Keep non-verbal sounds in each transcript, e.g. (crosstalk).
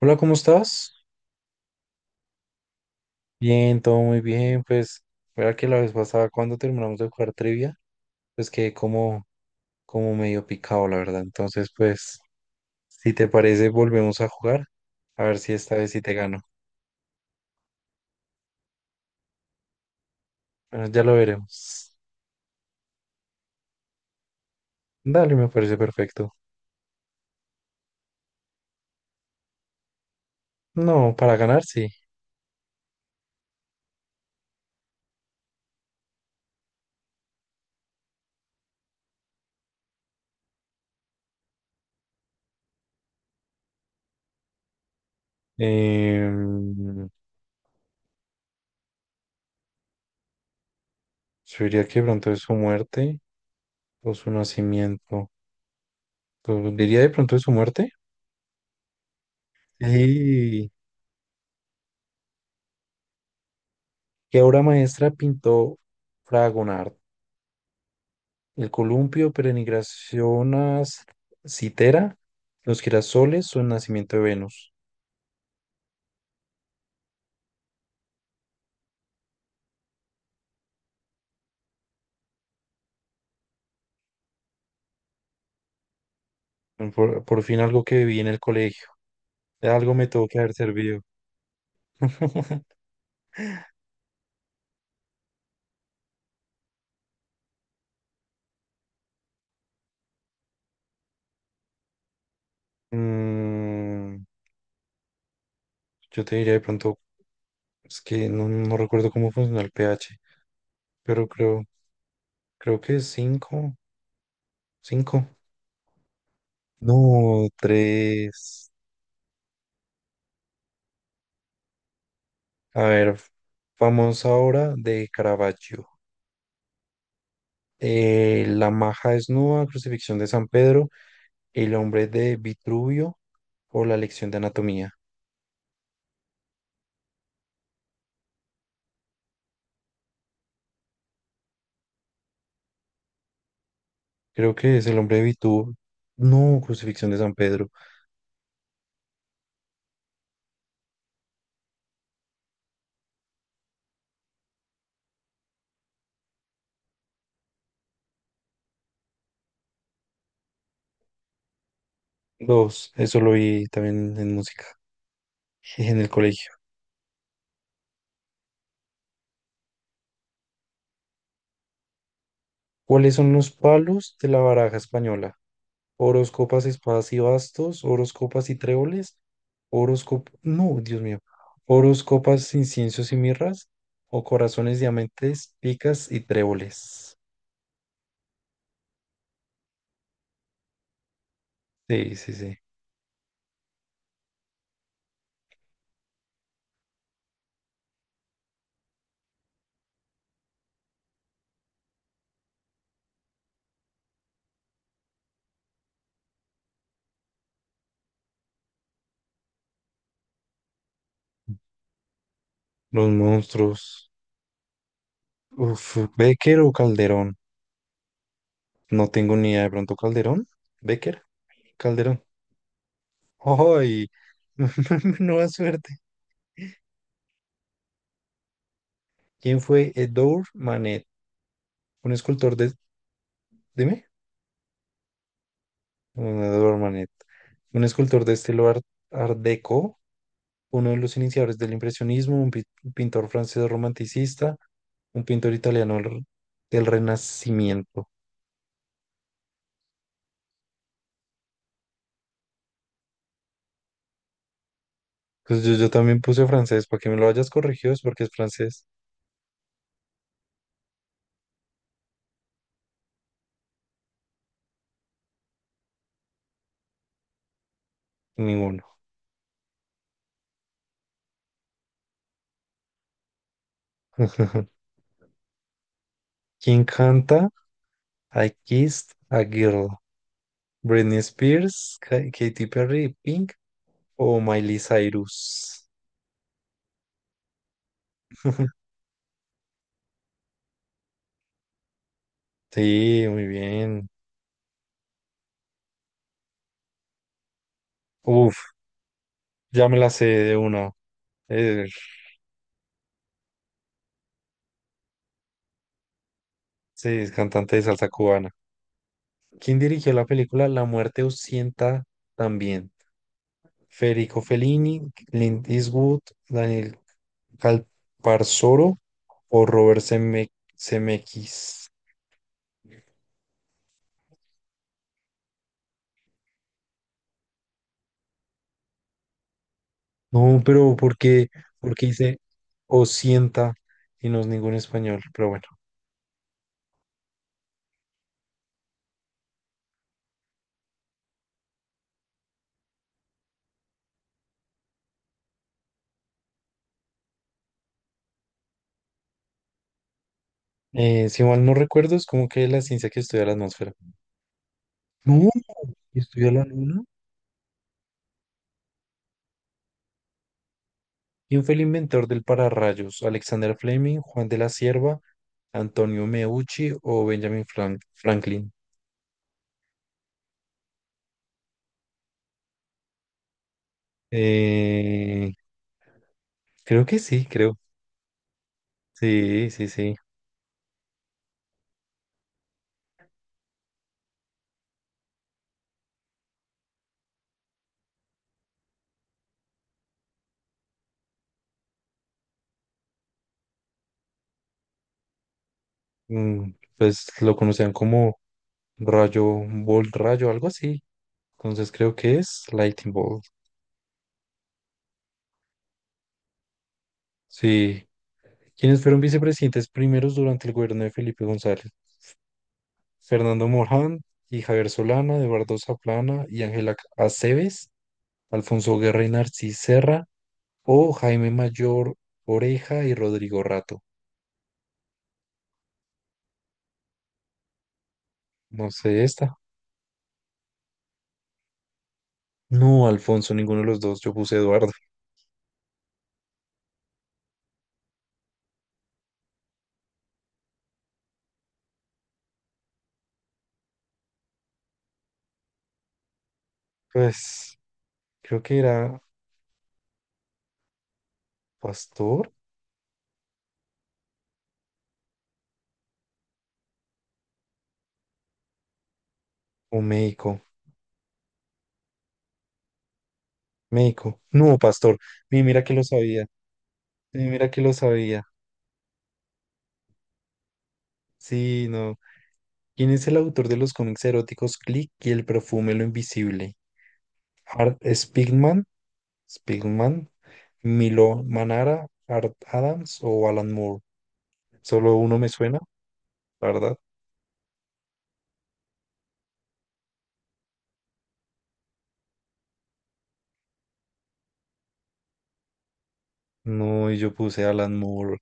Hola, ¿cómo estás? Bien, todo muy bien. Pues, mira que la vez pasada cuando terminamos de jugar trivia, pues quedé como medio picado, la verdad. Entonces, pues, si te parece, volvemos a jugar. A ver si esta vez sí te gano. Bueno, ya lo veremos. Dale, me parece perfecto. No, para ganar, sí. Em, yo diría que de pronto es su muerte o su nacimiento. Pues, diría de pronto es su muerte. Sí. ¿Qué obra maestra pintó Fragonard? El columpio, perenigracionas citera, los girasoles o el nacimiento de Venus. Por fin algo que vi en el colegio. De algo me tuvo que haber servido. (laughs) Mm, yo te diría de pronto, es que no recuerdo cómo funciona el pH, pero creo que es cinco, cinco. No, tres. A ver, vamos ahora de Caravaggio. La maja desnuda, crucifixión de San Pedro, el hombre de Vitruvio o la lección de anatomía. Creo que es el hombre de Vitruvio. No, crucifixión de San Pedro. Dos, eso lo vi también en música, en el colegio. ¿Cuáles son los palos de la baraja española? Oros, copas, espadas y bastos, oros, copas y tréboles, oros, no, Dios mío, oros, copas, inciensos y mirras, o corazones, diamantes, picas y tréboles. Sí, sí, sí. Los monstruos. Uf, Becker o Calderón. No tengo ni idea. De pronto Calderón, Becker, Calderón. ¡Ay! (laughs) Nueva suerte. ¿Quién fue Edouard Manet? Un escultor de... Dime. Edouard Manet. Un escultor de estilo Art Deco, uno de los iniciadores del impresionismo, un pintor francés romanticista, un pintor italiano del Renacimiento. Pues yo también puse francés, para que me lo hayas corregido es porque es francés. Ninguno. (laughs) ¿Quién canta I Kissed a Girl? Britney Spears, Katy Perry, Pink o Miley Cyrus. Sí, muy bien. Uf, ya me la sé de una. Eh, sí, es cantante de salsa cubana. ¿Quién dirigió la película La muerte Usienta también? Federico Fellini, Clint Eastwood, Daniel Calparsoro o Robert Zemeckis. No, pero ¿por qué? Porque dice Osienta y no es ningún español, pero bueno. Si mal no recuerdo, es como que la ciencia que estudia la atmósfera. No, estudia la luna. ¿Quién fue el inventor del pararrayos? ¿Alexander Fleming, Juan de la Cierva, Antonio Meucci o Benjamin Franklin? Eh, Creo que sí, creo. Sí, sí, sí. Mm, pues lo conocían como rayo, bolt rayo, algo así. Entonces creo que es Lightning Bolt. Sí. ¿Quiénes fueron vicepresidentes primeros durante el gobierno de Felipe González? Fernando Morán y Javier Solana, Eduardo Zaplana y Ángela Aceves, Alfonso Guerra y Narcis Serra, o Jaime Mayor Oreja y Rodrigo Rato. No sé esta. No, Alfonso, ninguno de los dos. Yo puse Eduardo. Pues creo que era pastor o médico. Médico. No, pastor. Mira que lo sabía. Mira que lo sabía. Sí, no. ¿Quién es el autor de los cómics eróticos Click y el perfume Lo Invisible? Art Spigman. Spigman. Milo Manara, Art Adams o Alan Moore. Solo uno me suena, la verdad. No, y yo puse Alan Moore,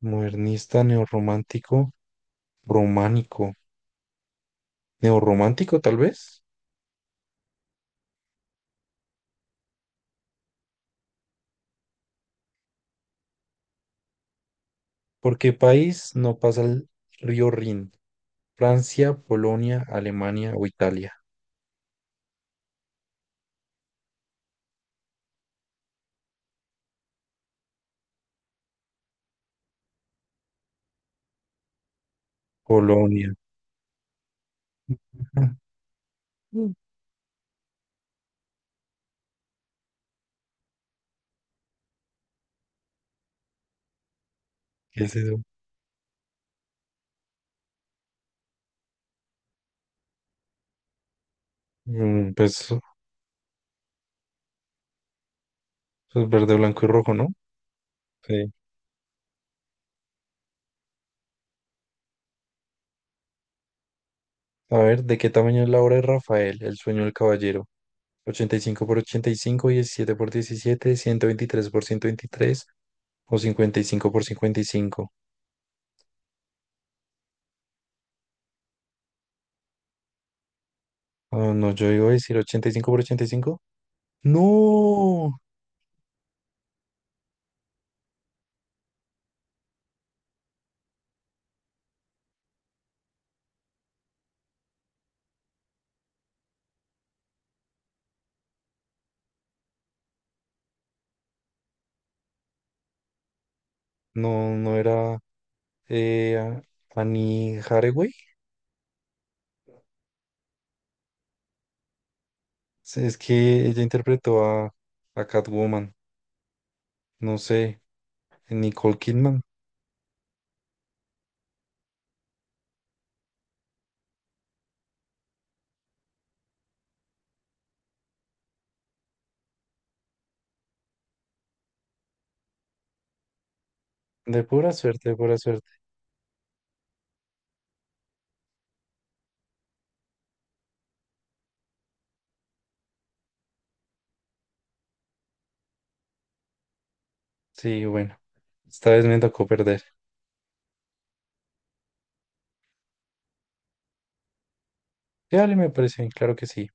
modernista, neorromántico, románico. Neorromántico, tal vez. ¿Por qué país no pasa el río Rin? Francia, Polonia, Alemania o Italia. Polonia. (laughs) ¿Qué es eso? Mm, Pues, pues verde, blanco y rojo, ¿no? Sí. A ver, ¿de qué tamaño es la obra de Rafael, El sueño del caballero? 85 por 85, 17 por 17, 123 por 123 o 55 por 55. Ah, no, yo iba a decir 85 por 85. No, no era eh, a- Annie Hathaway. Sí, es que ella interpretó a Catwoman, no sé, Nicole Kidman. De pura suerte, de pura suerte. Sí, bueno, esta vez me tocó perder. Dale, me parece, claro que sí.